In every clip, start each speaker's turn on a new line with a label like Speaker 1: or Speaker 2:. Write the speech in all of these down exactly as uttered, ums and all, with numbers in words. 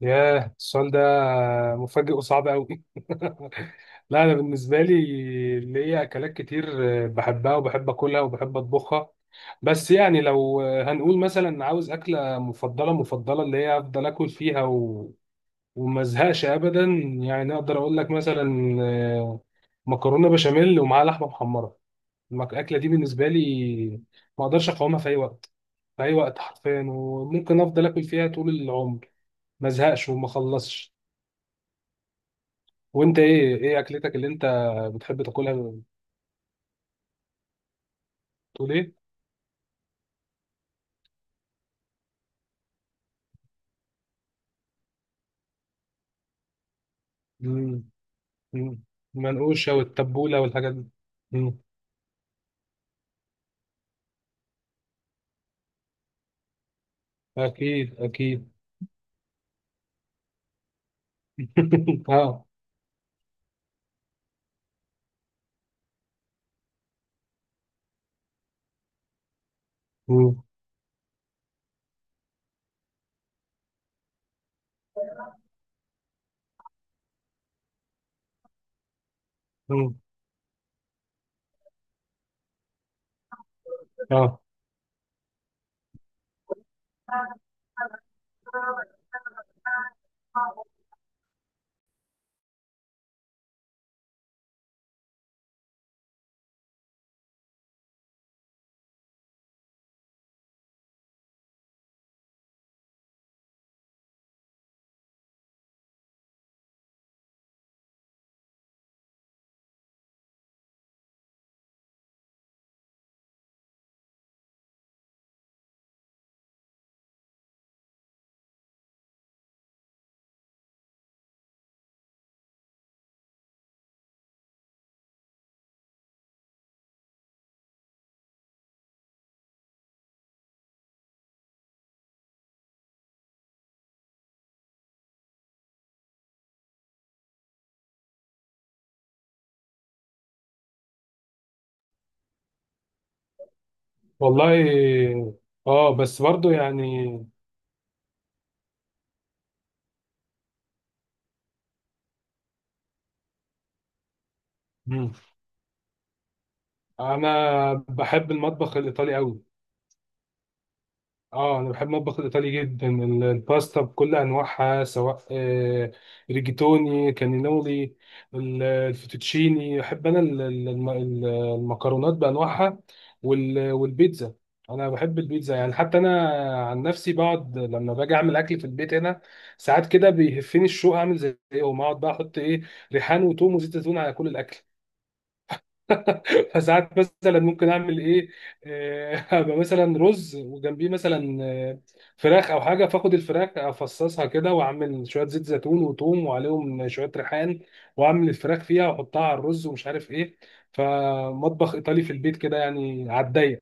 Speaker 1: ياه، السؤال ده مفاجئ وصعب قوي. لا، انا بالنسبه لي ليا اكلات كتير بحبها وبحب اكلها وبحب اطبخها. بس يعني لو هنقول مثلا عاوز اكله مفضله مفضله اللي هي افضل اكل فيها و... وما ازهقش ابدا. يعني اقدر اقول لك مثلا آه، مكرونه بشاميل ومعاها لحمه محمره. المك- الاكله دي بالنسبه لي ما اقدرش اقاومها في اي وقت، في اي وقت حرفيا، وممكن افضل اكل فيها طول العمر ما ازهقش وما اخلصش. وانت ايه ايه اكلتك اللي انت بتحب تاكلها؟ بتقول ايه؟ مم. مم. منقوشه والتبوله والحاجات دي. مم. اكيد اكيد. اه. مم. مم. اه والله. اه بس برضو يعني. مم. انا بحب المطبخ الايطالي قوي. اه انا بحب المطبخ الايطالي جدا. ال- الباستا بكل انواعها، سواء آه، ريجيتوني، كانينولي، ال- الفوتوتشيني. احب انا ال- ال- الم- ال- المكرونات بانواعها، وال- والبيتزا. انا بحب البيتزا، يعني حتى انا عن نفسي بقعد لما باجي اعمل اكل في البيت هنا، ساعات كده بيهفني الشوق اعمل زيهم، اقعد بقى احط ايه، ريحان وتوم وزيت زيتون على كل الاكل. فساعات مثلا ممكن اعمل ايه، آه، ابقى مثلا رز وجنبيه مثلا، آه، فراخ او حاجه، فاخد الفراخ افصصها كده واعمل شويه زيت زيتون وثوم وعليهم شويه ريحان، واعمل الفراخ فيها واحطها على الرز ومش عارف ايه. فمطبخ ايطالي في البيت كده يعني على الضيق.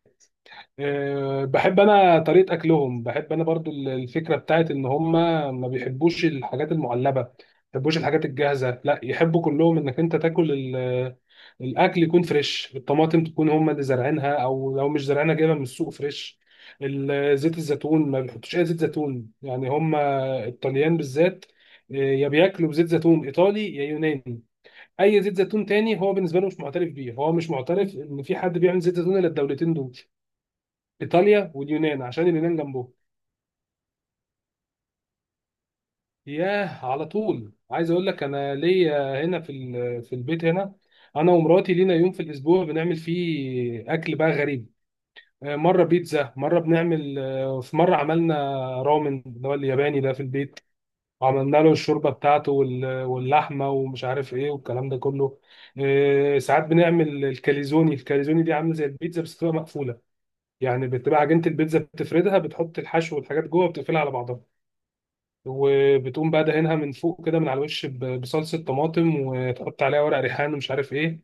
Speaker 1: أه، بحب انا طريقه اكلهم، بحب انا برضو ال- الفكره بتاعت ان هم ما بيحبوش الحاجات المعلبه، ما بيحبوش الحاجات الجاهزه، لا يحبوا كلهم انك انت تاكل ال- الاكل يكون فريش. الطماطم تكون هم اللي زارعينها، او لو مش زارعينها جايبها من السوق فريش. ال- زيت الزيتون ما بيحطوش اي زيت زيتون، يعني هم الطليان بالذات أه، يا بياكلوا بزيت زيتون ايطالي يا يوناني. اي زيت زيتون تاني هو بالنسبه له مش معترف بيه، هو مش معترف ان في حد بيعمل زيت زيتون الا الدولتين دول، ايطاليا واليونان، عشان اليونان جنبهم. ياه، على طول عايز اقول لك انا ليا هنا في ال- في البيت هنا، انا ومراتي لينا يوم في الاسبوع بنعمل فيه اكل بقى غريب. آه، مره بيتزا، مره بنعمل آه، في مره عملنا رامن اللي هو الياباني ده في البيت، وعملنا له الشوربه بتاعته وال- واللحمه ومش عارف ايه والكلام ده كله. آه، ساعات بنعمل الكاليزوني. الكاليزوني دي عامله زي البيتزا بس بتبقى مقفوله، يعني بتبقى عجينه البيتزا بتفردها، بتحط الحشو والحاجات جوه، بتقفلها على بعضها وبتقوم بقى دهنها من فوق كده من على الوش ب- بصلصه طماطم، وتحط عليها ورق ريحان ومش عارف ايه.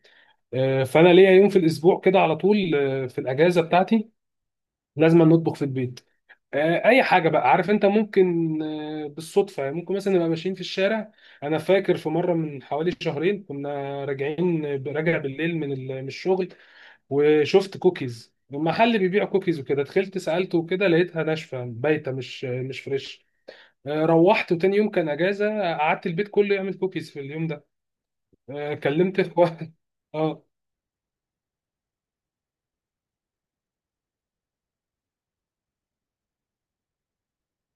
Speaker 1: آه، فانا ليا يوم في الاسبوع كده على طول، آه، في الاجازه بتاعتي لازم نطبخ في البيت. آه، اي حاجه بقى، عارف انت، ممكن آه، بالصدفه، يعني ممكن مثلا نبقى ماشيين في الشارع. انا فاكر في مره من حوالي شهرين كنا راجعين، راجع بالليل من ال- من الشغل، وشفت كوكيز، محل بيبيع كوكيز وكده، دخلت سالته وكده لقيتها ناشفه بايته، مش مش فريش. آه، روحت وتاني يوم كان اجازه، قعدت البيت كله يعمل كوكيز في اليوم ده. آه، كلمت اخوان. اه.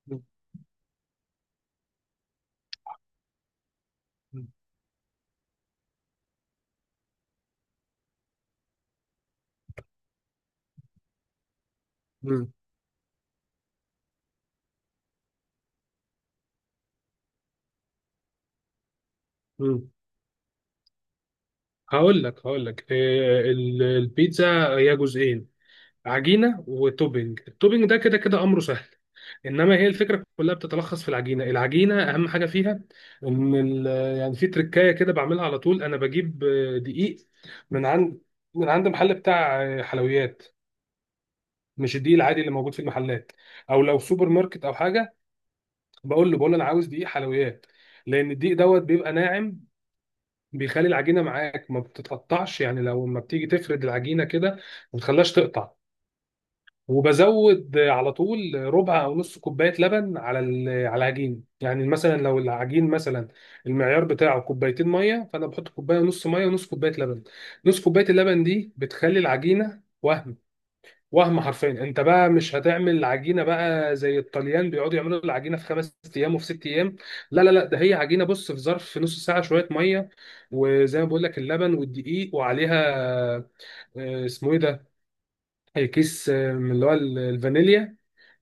Speaker 1: م- م- م. هقول لك هقول لك آه، ال- البيتزا هي جزئين، عجينه وتوبينج. التوبينج ده كده كده امره سهل، انما هي الفكره كلها بتتلخص في العجينه. العجينه اهم حاجه فيها ان ال- يعني في تركايه كده بعملها على طول. انا بجيب آه، دقيق من عند، من عند محل بتاع آه، حلويات، مش الدقيق العادي اللي موجود في المحلات او لو سوبر ماركت او حاجه. بقول له بقول له انا عاوز دقيق حلويات، لان الدقيق دوت بيبقى ناعم، بيخلي العجينه معاك ما بتتقطعش، يعني لو ما بتيجي تفرد العجينه كده ما بتخليهاش تقطع. وبزود على طول ربع او نص كوبايه لبن على ال- على العجين، يعني مثلا لو العجين مثلا المعيار بتاعه كوبايتين ميه، فانا بحط كوبايه ونص ميه ونص كوبايه لبن. نص كوبايه اللبن دي بتخلي العجينه وهم، وهم حرفيا. انت بقى مش هتعمل عجينه بقى زي الطليان بيقعدوا يعملوا العجينه في خمس ايام وفي ست ايام، لا لا لا، ده هي عجينه، بص، في ظرف نص ساعه شويه ميه وزي ما بقول لك اللبن والدقيق، وعليها آه، اسمه ايه ده، آه، كيس آه، من اللي هو ال- الفانيليا،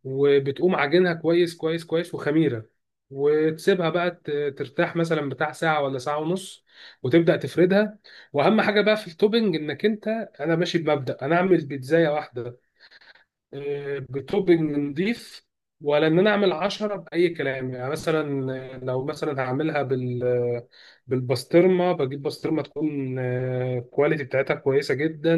Speaker 1: وبتقوم عجينها كويس كويس كويس وخميره، وتسيبها بقى ت- ترتاح مثلا بتاع ساعه ولا ساعه ونص، وتبدا تفردها. واهم حاجه بقى في التوبنج انك انت، انا ماشي بمبدا انا اعمل بيتزايه واحده آه، بتوبنج نضيف، ولا ان انا اعمل عشرة باي كلام. يعني مثلا آه، لو مثلا هعملها بال آه، بالبسطرمه، بجيب بسطرمه تكون آه، الكواليتي بتاعتها كويسه جدا.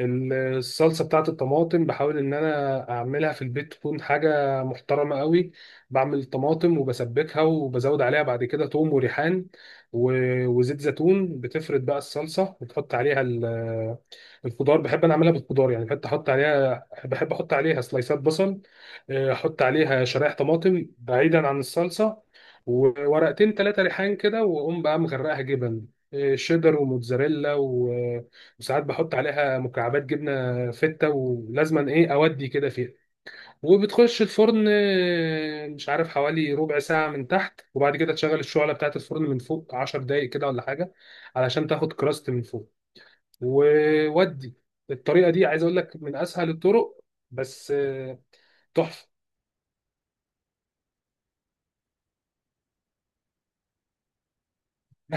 Speaker 1: ال- الصلصه بتاعت الطماطم بحاول ان انا اعملها في البيت تكون حاجه محترمه قوي، بعمل طماطم وبسبكها وبزود عليها بعد كده توم وريحان و- وزيت زيتون، بتفرد بقى الصلصه وتحط عليها ال- الخضار. بحب انا اعملها بالخضار، يعني بحب احط عليها، بحب احط عليها سلايسات بصل، آه، احط عليها شرايح طماطم بعيدا عن الصلصه، وورقتين ثلاثه ريحان كده، واقوم بقى مغرقها جبن، آه، شيدر وموتزاريلا، و- وساعات بحط عليها مكعبات جبنه فته ولازما ايه اودي كده فيها. وبتخش الفرن آه، مش عارف حوالي ربع ساعه من تحت، وبعد كده تشغل الشعله بتاعت الفرن من فوق 10 دقايق كده ولا حاجه علشان تاخد كراست من فوق وودي. الطريقه دي عايز اقول لك من اسهل الطرق، بس آه، تحفه.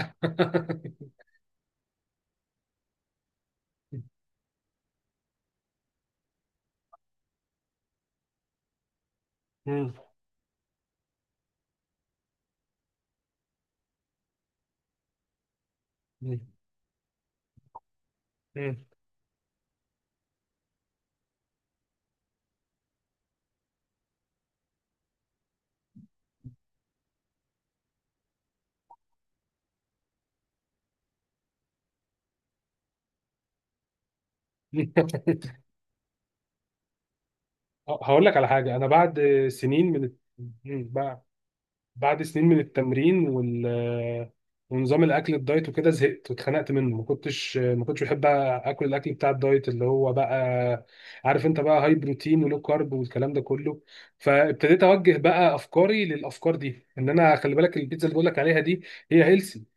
Speaker 1: مم. مم. مم. هقول لك على حاجه. انا بعد سنين من، مم. بقى، بعد سنين من التمرين وال ونظام الاكل الدايت وكده زهقت واتخنقت منه. ما كنتش ما كنتش بحب اكل الاكل بتاع الدايت، اللي هو بقى عارف انت بقى هاي بروتين ولو كارب والكلام ده كله. فابتديت اوجه بقى افكاري للافكار دي ان انا، خلي بالك، البيتزا اللي بقول لك عليها دي هي هيلثي،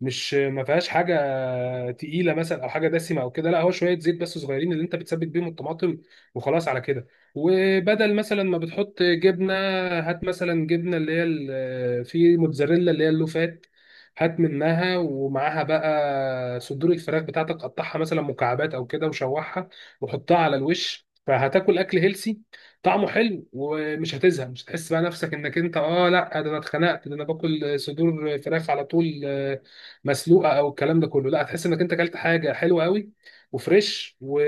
Speaker 1: مش ما فيهاش حاجه تقيله مثلا او حاجه دسمه او كده، لا هو شويه زيت بس صغيرين اللي انت بتسبك بيهم الطماطم وخلاص على كده، وبدل مثلا ما بتحط جبنه، هات مثلا جبنه اللي هي ال- في موتزاريلا اللي هي اللوفات، هات منها ومعاها بقى صدور الفراخ بتاعتك، قطعها مثلا مكعبات او كده وشوحها وحطها على الوش، فهتاكل اكل هيلسي طعمه حلو ومش هتزهق. مش هتحس بقى نفسك انك انت، اه لا، ده انا اتخنقت، ده انا باكل صدور فراخ على طول مسلوقه او الكلام ده كله، لا هتحس انك انت اكلت حاجه حلوه قوي وفريش و...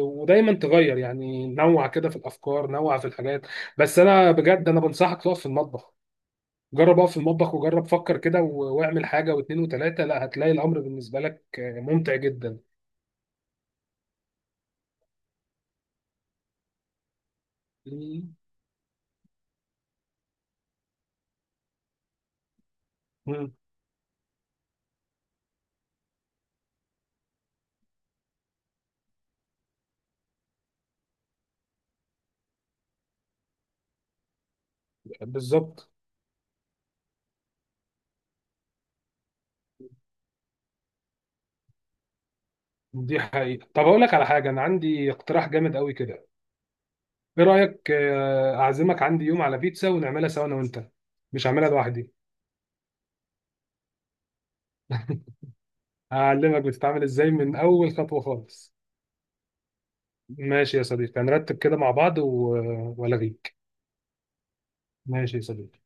Speaker 1: ودايما تغير يعني نوع كده في الافكار، نوع في الحاجات. بس انا بجد انا بنصحك تقف في المطبخ، جرب اقف في المطبخ وجرب فكر كده و... واعمل حاجه واثنين وثلاثه، لا هتلاقي الامر بالنسبه لك ممتع جدا. مم. مم. بالظبط. دي حقيقة. طب اقول لك على حاجة، انا عندي اقتراح جامد قوي كده، ايه رأيك آه، اعزمك عندي يوم على بيتزا ونعملها سوا انا وانت؟ مش هعملها لوحدي. هعلمك بتتعامل ازاي من اول خطوه خالص. ماشي يا صديقي، هنرتب كده مع بعض و... والغيك. ماشي يا صديقي.